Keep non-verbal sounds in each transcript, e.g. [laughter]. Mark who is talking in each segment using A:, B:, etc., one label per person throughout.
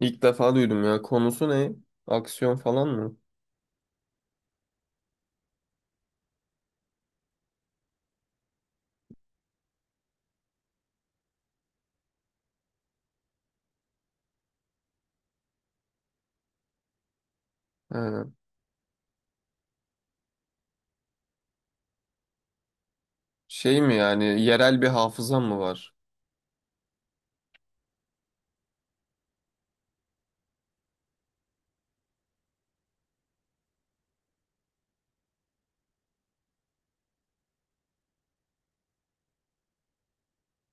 A: İlk defa duydum ya. Konusu ne? Aksiyon falan mı? Ha. Şey mi yani yerel bir hafızam mı var?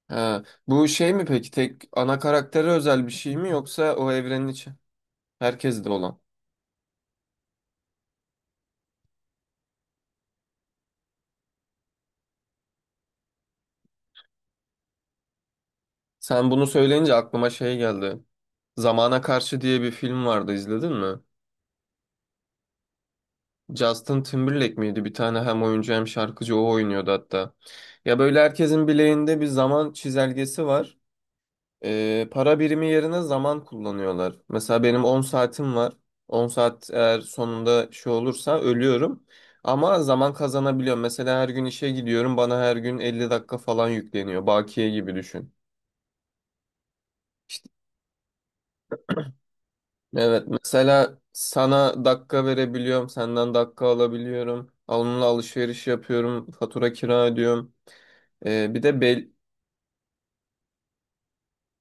A: Ha. Bu şey mi peki tek ana karaktere özel bir şey mi yoksa o evrenin içi herkeste olan? Sen bunu söyleyince aklıma şey geldi. Zamana Karşı diye bir film vardı izledin mi? Justin Timberlake miydi? Bir tane hem oyuncu hem şarkıcı o oynuyordu hatta. Ya böyle herkesin bileğinde bir zaman çizelgesi var. Para birimi yerine zaman kullanıyorlar. Mesela benim 10 saatim var. 10 saat eğer sonunda şey olursa ölüyorum. Ama zaman kazanabiliyorum. Mesela her gün işe gidiyorum. Bana her gün 50 dakika falan yükleniyor. Bakiye gibi düşün. Evet, mesela sana dakika verebiliyorum. Senden dakika alabiliyorum. Onunla alışveriş yapıyorum. Fatura kira ödüyorum. Ee, bir de bel-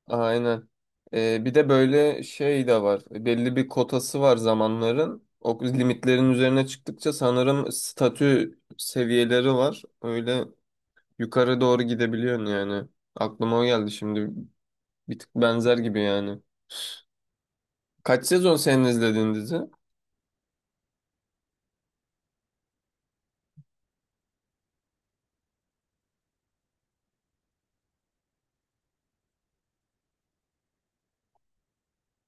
A: Aynen. Bir de böyle şey de var. Belli bir kotası var zamanların. O limitlerin üzerine çıktıkça sanırım statü seviyeleri var. Öyle yukarı doğru gidebiliyorsun yani. Aklıma o geldi şimdi. Bir tık benzer gibi yani. Kaç sezon senin izlediğin dizi?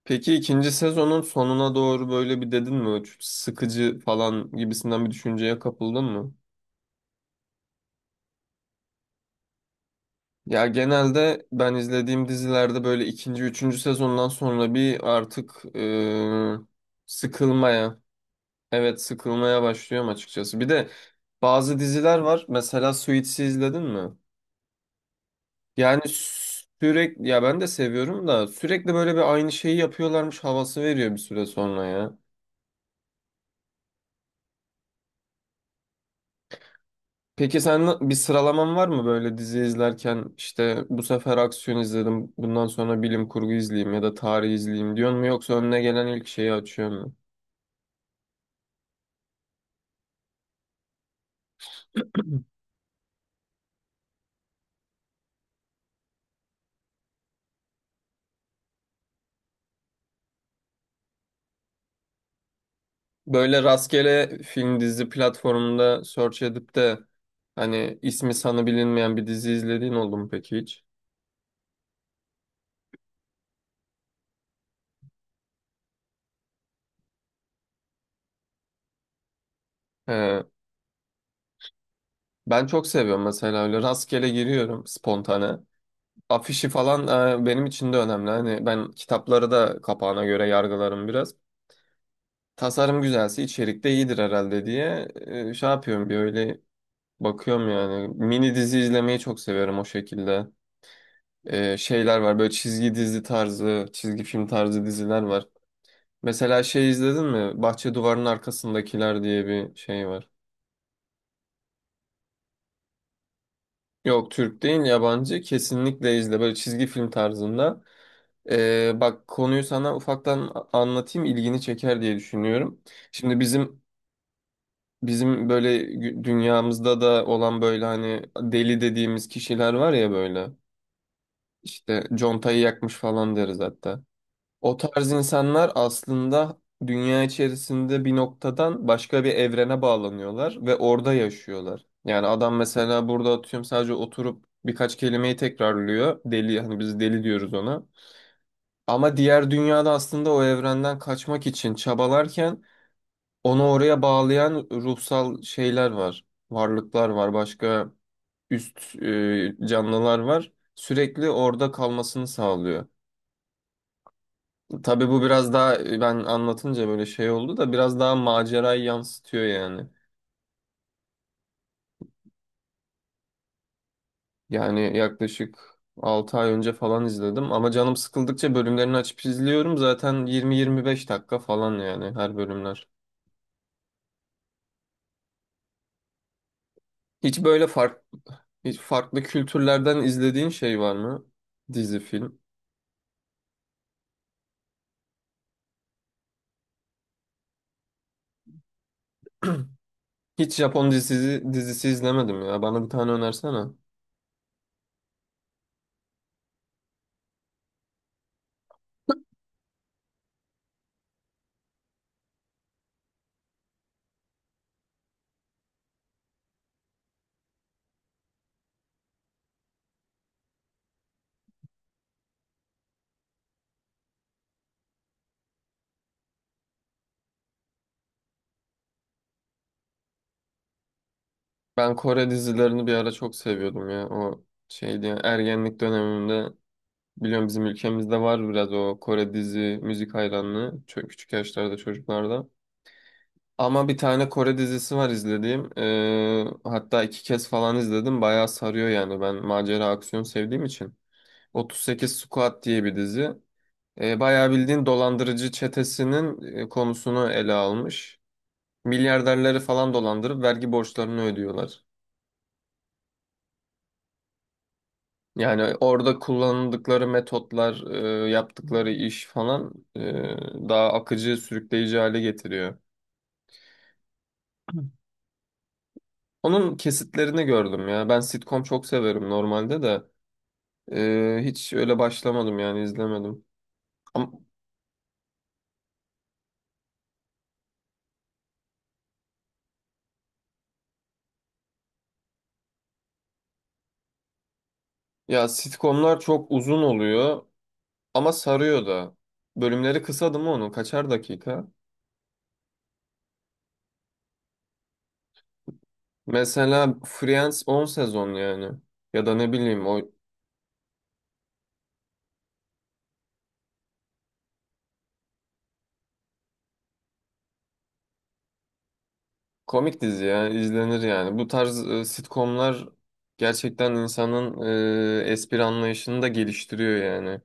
A: Peki ikinci sezonun sonuna doğru böyle bir dedin mi? Çok sıkıcı falan gibisinden bir düşünceye kapıldın mı? Ya genelde ben izlediğim dizilerde böyle ikinci, üçüncü sezondan sonra bir artık evet, sıkılmaya başlıyorum açıkçası. Bir de bazı diziler var. Mesela Suits'i izledin mi? Yani sürekli, ya ben de seviyorum da sürekli böyle bir aynı şeyi yapıyorlarmış havası veriyor bir süre sonra ya. Peki sen bir sıralaman var mı böyle dizi izlerken işte bu sefer aksiyon izledim, bundan sonra bilim kurgu izleyeyim ya da tarih izleyeyim diyor mu yoksa önüne gelen ilk şeyi açıyor mu? Böyle rastgele film dizi platformunda search edip de hani ismi sanı bilinmeyen bir dizi izlediğin oldu mu peki hiç? Ee, ben çok seviyorum mesela, öyle rastgele giriyorum spontane. Afişi falan benim için de önemli. Hani ben kitapları da kapağına göre yargılarım biraz. Tasarım güzelse içerik de iyidir herhalde diye şey yapıyorum, bir öyle bakıyorum yani. Mini dizi izlemeyi çok seviyorum o şekilde. Şeyler var böyle çizgi dizi tarzı, çizgi film tarzı diziler var. Mesela şey izledin mi? Bahçe duvarının arkasındakiler diye bir şey var. Yok, Türk değil, yabancı, kesinlikle izle, böyle çizgi film tarzında. Bak, konuyu sana ufaktan anlatayım, ilgini çeker diye düşünüyorum. Şimdi bizim böyle dünyamızda da olan böyle hani deli dediğimiz kişiler var ya böyle. İşte contayı yakmış falan deriz hatta. O tarz insanlar aslında dünya içerisinde bir noktadan başka bir evrene bağlanıyorlar ve orada yaşıyorlar. Yani adam mesela, burada atıyorum, sadece oturup birkaç kelimeyi tekrarlıyor. Deli, hani biz deli diyoruz ona. Ama diğer dünyada aslında o evrenden kaçmak için çabalarken onu oraya bağlayan ruhsal şeyler var. Varlıklar var, başka üst canlılar var. Sürekli orada kalmasını sağlıyor. Tabii bu biraz daha ben anlatınca böyle şey oldu da biraz daha macerayı yansıtıyor yani. Yani yaklaşık 6 ay önce falan izledim ama canım sıkıldıkça bölümlerini açıp izliyorum. Zaten 20-25 dakika falan yani her bölümler. Hiç böyle fark, hiç farklı kültürlerden izlediğin şey var mı? Dizi, film. Hiç Japon dizisi izlemedim ya. Bana bir tane önersene. Ben Kore dizilerini bir ara çok seviyordum ya. O şeydi ya, ergenlik dönemimde. Biliyorum, bizim ülkemizde var biraz o Kore dizi müzik hayranlığı, çok küçük yaşlarda çocuklarda. Ama bir tane Kore dizisi var izlediğim. Hatta iki kez falan izledim. Bayağı sarıyor yani. Ben macera aksiyon sevdiğim için. 38 Squad diye bir dizi. Bayağı bildiğin dolandırıcı çetesinin konusunu ele almış. Milyarderleri falan dolandırıp vergi borçlarını ödüyorlar. Yani orada kullandıkları metotlar, yaptıkları iş falan daha akıcı, sürükleyici hale getiriyor. Onun kesitlerini gördüm ya. Ben sitcom çok severim normalde de hiç öyle başlamadım yani, izlemedim. Ama, ya sitcomlar çok uzun oluyor ama sarıyor da. Bölümleri kısa değil mi onun? Kaçar dakika? Mesela Friends 10 sezon yani. Ya da ne bileyim o Komik dizi ya, izlenir yani. Bu tarz sitcomlar gerçekten insanın espri anlayışını da geliştiriyor yani.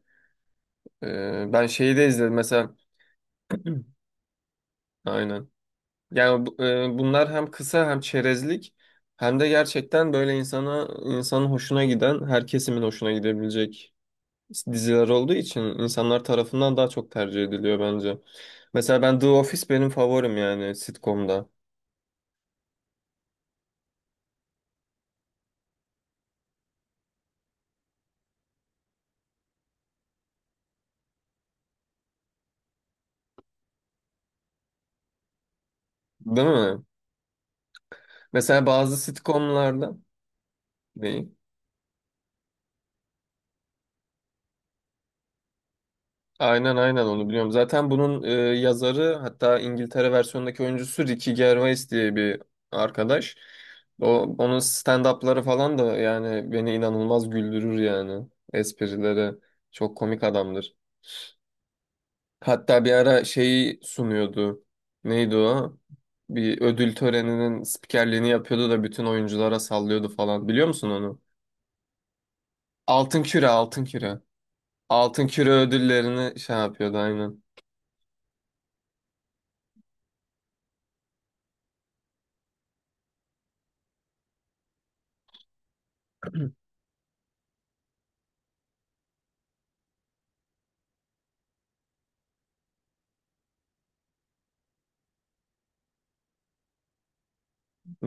A: Ben şeyi de izledim mesela. [clears throat] Aynen. Yani bunlar hem kısa hem çerezlik hem de gerçekten böyle insana, insanın hoşuna giden, her kesimin hoşuna gidebilecek diziler olduğu için insanlar tarafından daha çok tercih ediliyor bence. Mesela ben The Office, benim favorim yani sitcomda. Değil mi? Mesela bazı sitcomlarda. Neyi? Aynen, aynen, onu biliyorum. Zaten bunun yazarı, hatta İngiltere versiyonundaki oyuncusu Ricky Gervais diye bir arkadaş. O, onun stand-up'ları falan da yani beni inanılmaz güldürür yani. Esprileri çok komik adamdır. Hatta bir ara şeyi sunuyordu. Neydi o? Bir ödül töreninin spikerliğini yapıyordu da bütün oyunculara sallıyordu falan. Biliyor musun onu? Altın Küre, Altın Küre. Altın Küre ödüllerini şey yapıyordu aynen.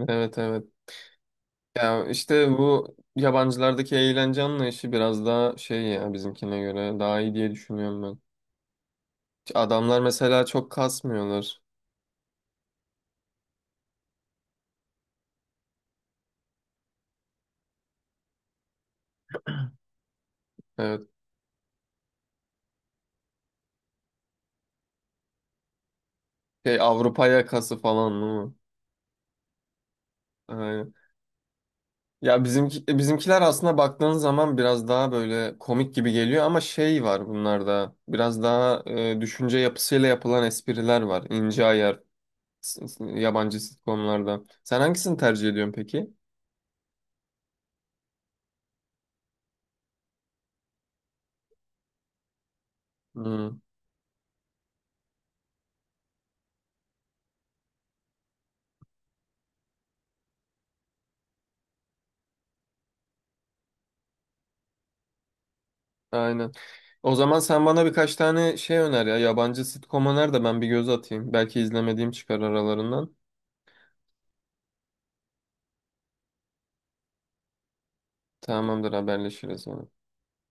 A: Evet, evet. Ya işte bu yabancılardaki eğlence anlayışı biraz daha şey ya, bizimkine göre daha iyi diye düşünüyorum ben. Adamlar mesela çok kasmıyorlar. Evet. Şey, Avrupa yakası falan değil mi? Aynen. Ya bizimkiler aslında baktığın zaman biraz daha böyle komik gibi geliyor ama şey var bunlarda. Biraz daha düşünce yapısıyla yapılan espriler var. İnce ayar yabancı sitcomlarda. Sen hangisini tercih ediyorsun peki? Hmm, aynen. O zaman sen bana birkaç tane şey öner ya. Yabancı sitcom öner de ben bir göz atayım. Belki izlemediğim çıkar aralarından. Tamamdır, haberleşiriz.